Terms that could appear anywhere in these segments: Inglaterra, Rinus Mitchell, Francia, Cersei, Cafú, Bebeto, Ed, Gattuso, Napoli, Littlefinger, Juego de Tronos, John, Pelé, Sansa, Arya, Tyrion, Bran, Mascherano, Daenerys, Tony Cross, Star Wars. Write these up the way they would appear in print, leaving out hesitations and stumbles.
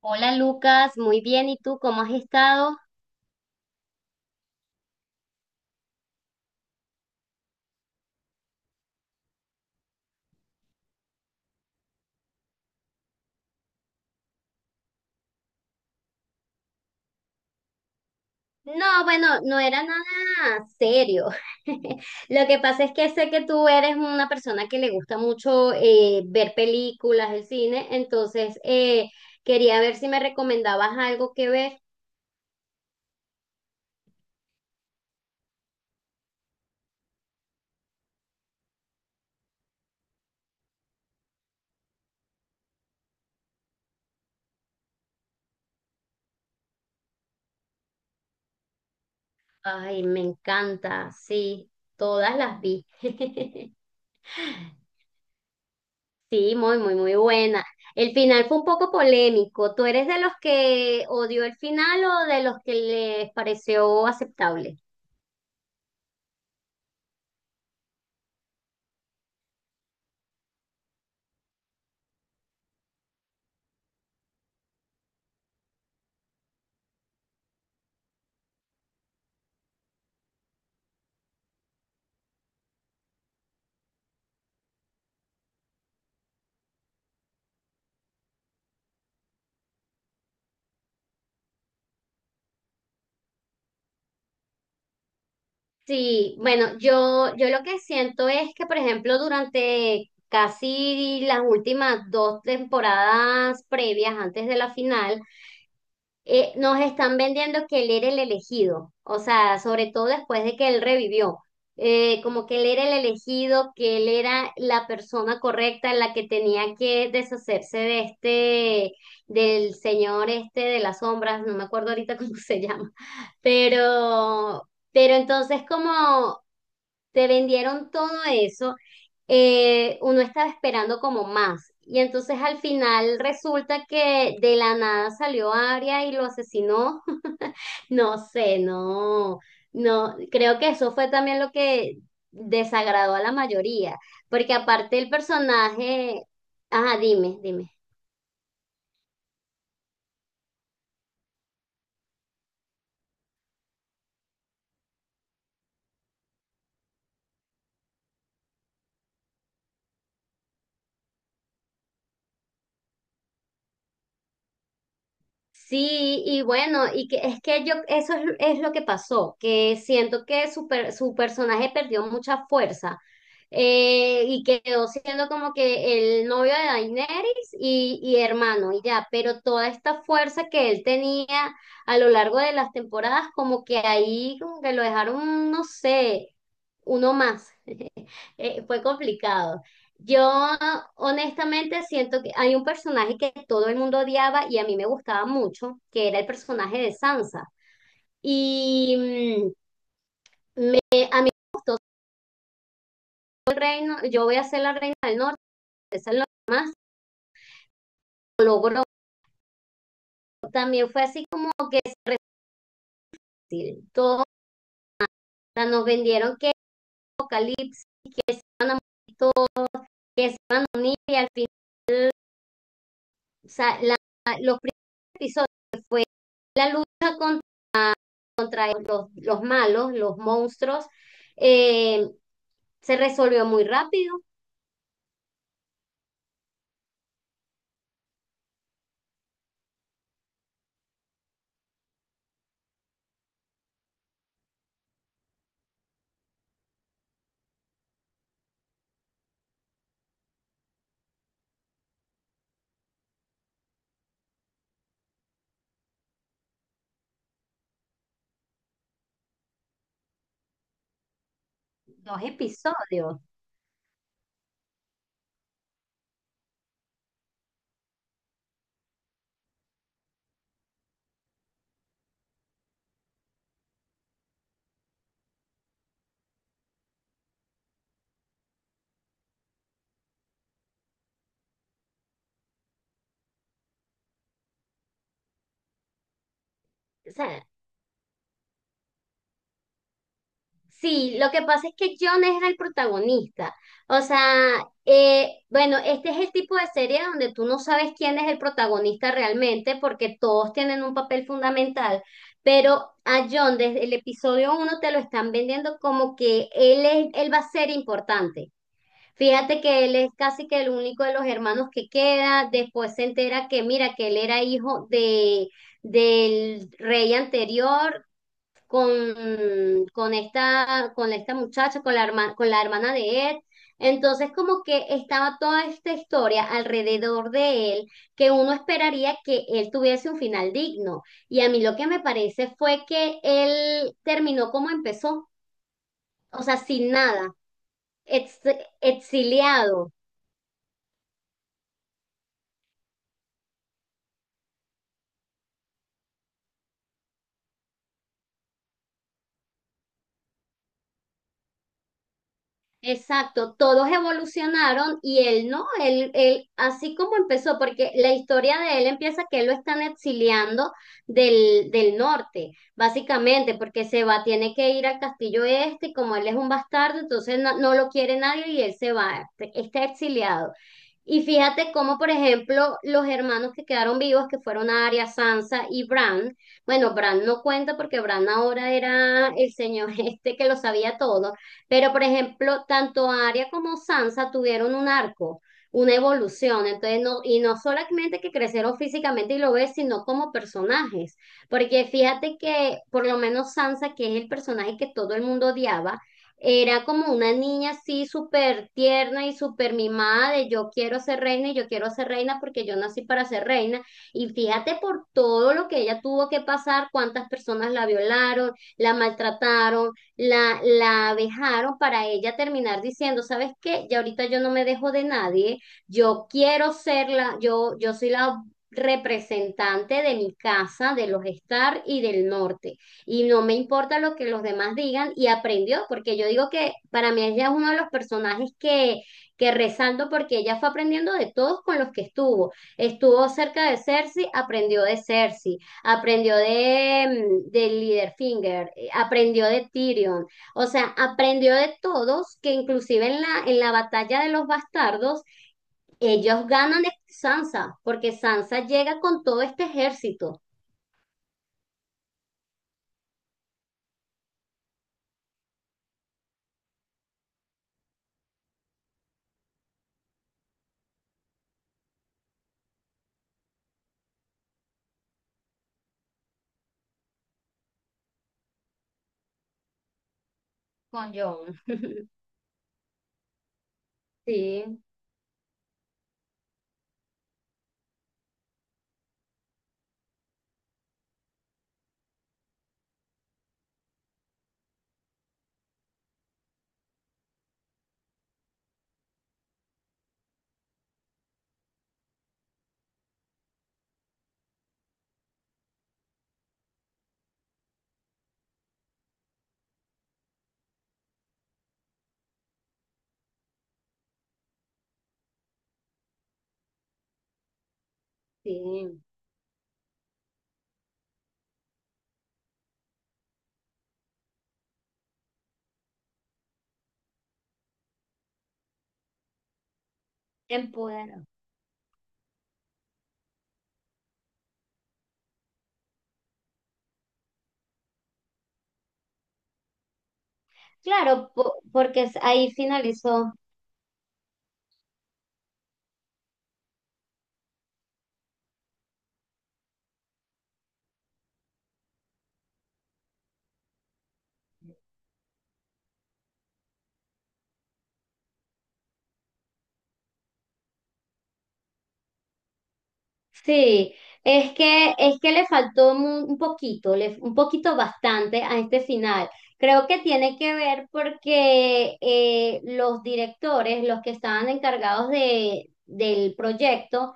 Hola Lucas, muy bien. ¿Y tú cómo has estado? No, bueno, no era nada serio. Lo que pasa es que sé que tú eres una persona que le gusta mucho ver películas, el cine, entonces quería ver si me recomendabas algo que ver. Ay, me encanta, sí, todas las vi. Sí, muy, muy, muy buena. El final fue un poco polémico. ¿Tú eres de los que odió el final o de los que les pareció aceptable? Sí, bueno, yo lo que siento es que, por ejemplo, durante casi las últimas dos temporadas previas, antes de la final, nos están vendiendo que él era el elegido. O sea, sobre todo después de que él revivió, como que él era el elegido, que él era la persona correcta, la que tenía que deshacerse de este, del señor este de las sombras. No me acuerdo ahorita cómo se llama, pero... Pero entonces como te vendieron todo eso, uno estaba esperando como más. Y entonces al final resulta que de la nada salió Aria y lo asesinó. No sé, no, no, creo que eso fue también lo que desagradó a la mayoría, porque aparte el personaje, ajá, dime, dime. Sí, y bueno, y que es que yo, eso es lo que pasó, que siento que su personaje perdió mucha fuerza, y quedó siendo como que el novio de Daenerys y hermano, y ya, pero toda esta fuerza que él tenía a lo largo de las temporadas, como que ahí como que lo dejaron, no sé, uno más. Fue complicado. Yo honestamente siento que hay un personaje que todo el mundo odiaba y a mí me gustaba mucho, que era el personaje de Sansa. Y el reino, yo voy a ser la reina del norte, lo logró. También fue así como que sí, todo. O sea, nos vendieron que Apocalipsis, iban a morir todos, que se iban a unir y al fin. O sea, los primeros episodios fue la lucha contra los malos, los monstruos. Eh, Se resolvió muy rápido, dos episodios. O sea, sí, lo que pasa es que John era el protagonista. O sea, bueno, este es el tipo de serie donde tú no sabes quién es el protagonista realmente porque todos tienen un papel fundamental. Pero a John desde el episodio uno te lo están vendiendo como que él es, él va a ser importante. Fíjate que él es casi que el único de los hermanos que queda. Después se entera que, mira, que él era hijo de, del rey anterior con esta muchacha, con la hermana de Ed. Entonces, como que estaba toda esta historia alrededor de él, que uno esperaría que él tuviese un final digno. Y a mí lo que me parece fue que él terminó como empezó, o sea, sin nada, ex- exiliado. Exacto, todos evolucionaron y él no, él, así como empezó, porque la historia de él empieza que él lo están exiliando del norte, básicamente, porque se va, tiene que ir al castillo este, y como él es un bastardo, entonces no, no lo quiere nadie y él se va, está exiliado. Y fíjate cómo, por ejemplo, los hermanos que quedaron vivos, que fueron Arya, Sansa y Bran, bueno, Bran no cuenta porque Bran ahora era el señor este que lo sabía todo, pero por ejemplo, tanto Arya como Sansa tuvieron un arco, una evolución, entonces no, y no solamente que crecieron físicamente y lo ves, sino como personajes, porque fíjate que por lo menos Sansa, que es el personaje que todo el mundo odiaba, era como una niña así súper tierna y súper mimada de yo quiero ser reina y yo quiero ser reina porque yo nací para ser reina. Y fíjate por todo lo que ella tuvo que pasar, cuántas personas la violaron, la maltrataron, la abejaron, para ella terminar diciendo, ¿sabes qué? Ya ahorita yo no me dejo de nadie, yo quiero ser la, yo soy la representante de mi casa, de los Star y del norte, y no me importa lo que los demás digan, y aprendió, porque yo digo que para mí ella es uno de los personajes que resalto porque ella fue aprendiendo de todos con los que estuvo. Estuvo cerca de Cersei, aprendió de Cersei, aprendió de, de Littlefinger, aprendió de Tyrion. O sea, aprendió de todos, que inclusive en la, batalla de los bastardos, ellos ganan de Sansa, porque Sansa llega con todo este ejército. Con John. Sí, sí. Empodera. Claro, porque ahí finalizó. Sí, es que le faltó un poquito, le, un poquito bastante a este final. Creo que tiene que ver porque los directores, los que estaban encargados del proyecto,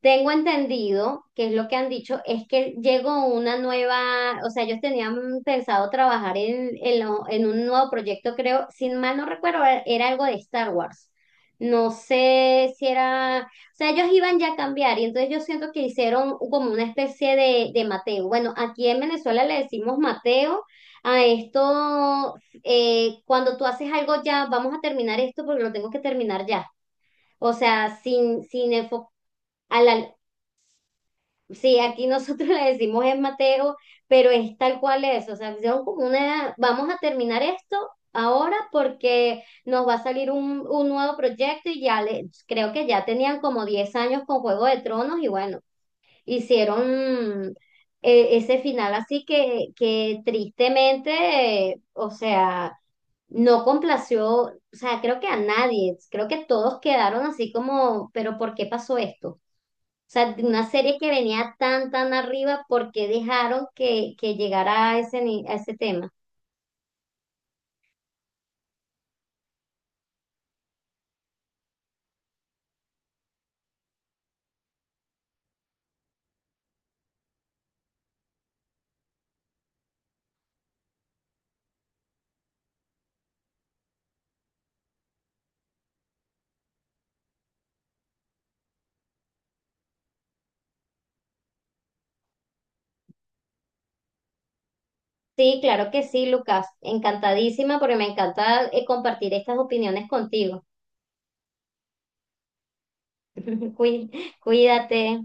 tengo entendido, que es lo que han dicho, es que llegó una nueva. O sea, ellos tenían pensado trabajar en un nuevo proyecto, creo, sin mal no recuerdo, era algo de Star Wars. No sé si era, o sea, ellos iban ya a cambiar y entonces yo siento que hicieron como una especie de Mateo. Bueno, aquí en Venezuela le decimos Mateo a esto, cuando tú haces algo ya, vamos a terminar esto porque lo tengo que terminar ya. O sea, sin, sin enfo- A la- sí, aquí nosotros le decimos es Mateo, pero es tal cual es. O sea, son como una, vamos a terminar esto ahora porque nos va a salir un nuevo proyecto y ya le, creo que ya tenían como 10 años con Juego de Tronos, y bueno, hicieron ese final así que tristemente, o sea, no complació. O sea, creo que a nadie, creo que todos quedaron así como, pero ¿por qué pasó esto? O sea, de una serie que venía tan, tan arriba, ¿por qué dejaron que llegara a ese, a ese tema? Sí, claro que sí, Lucas. Encantadísima porque me encanta compartir estas opiniones contigo. Cuí- Cuídate.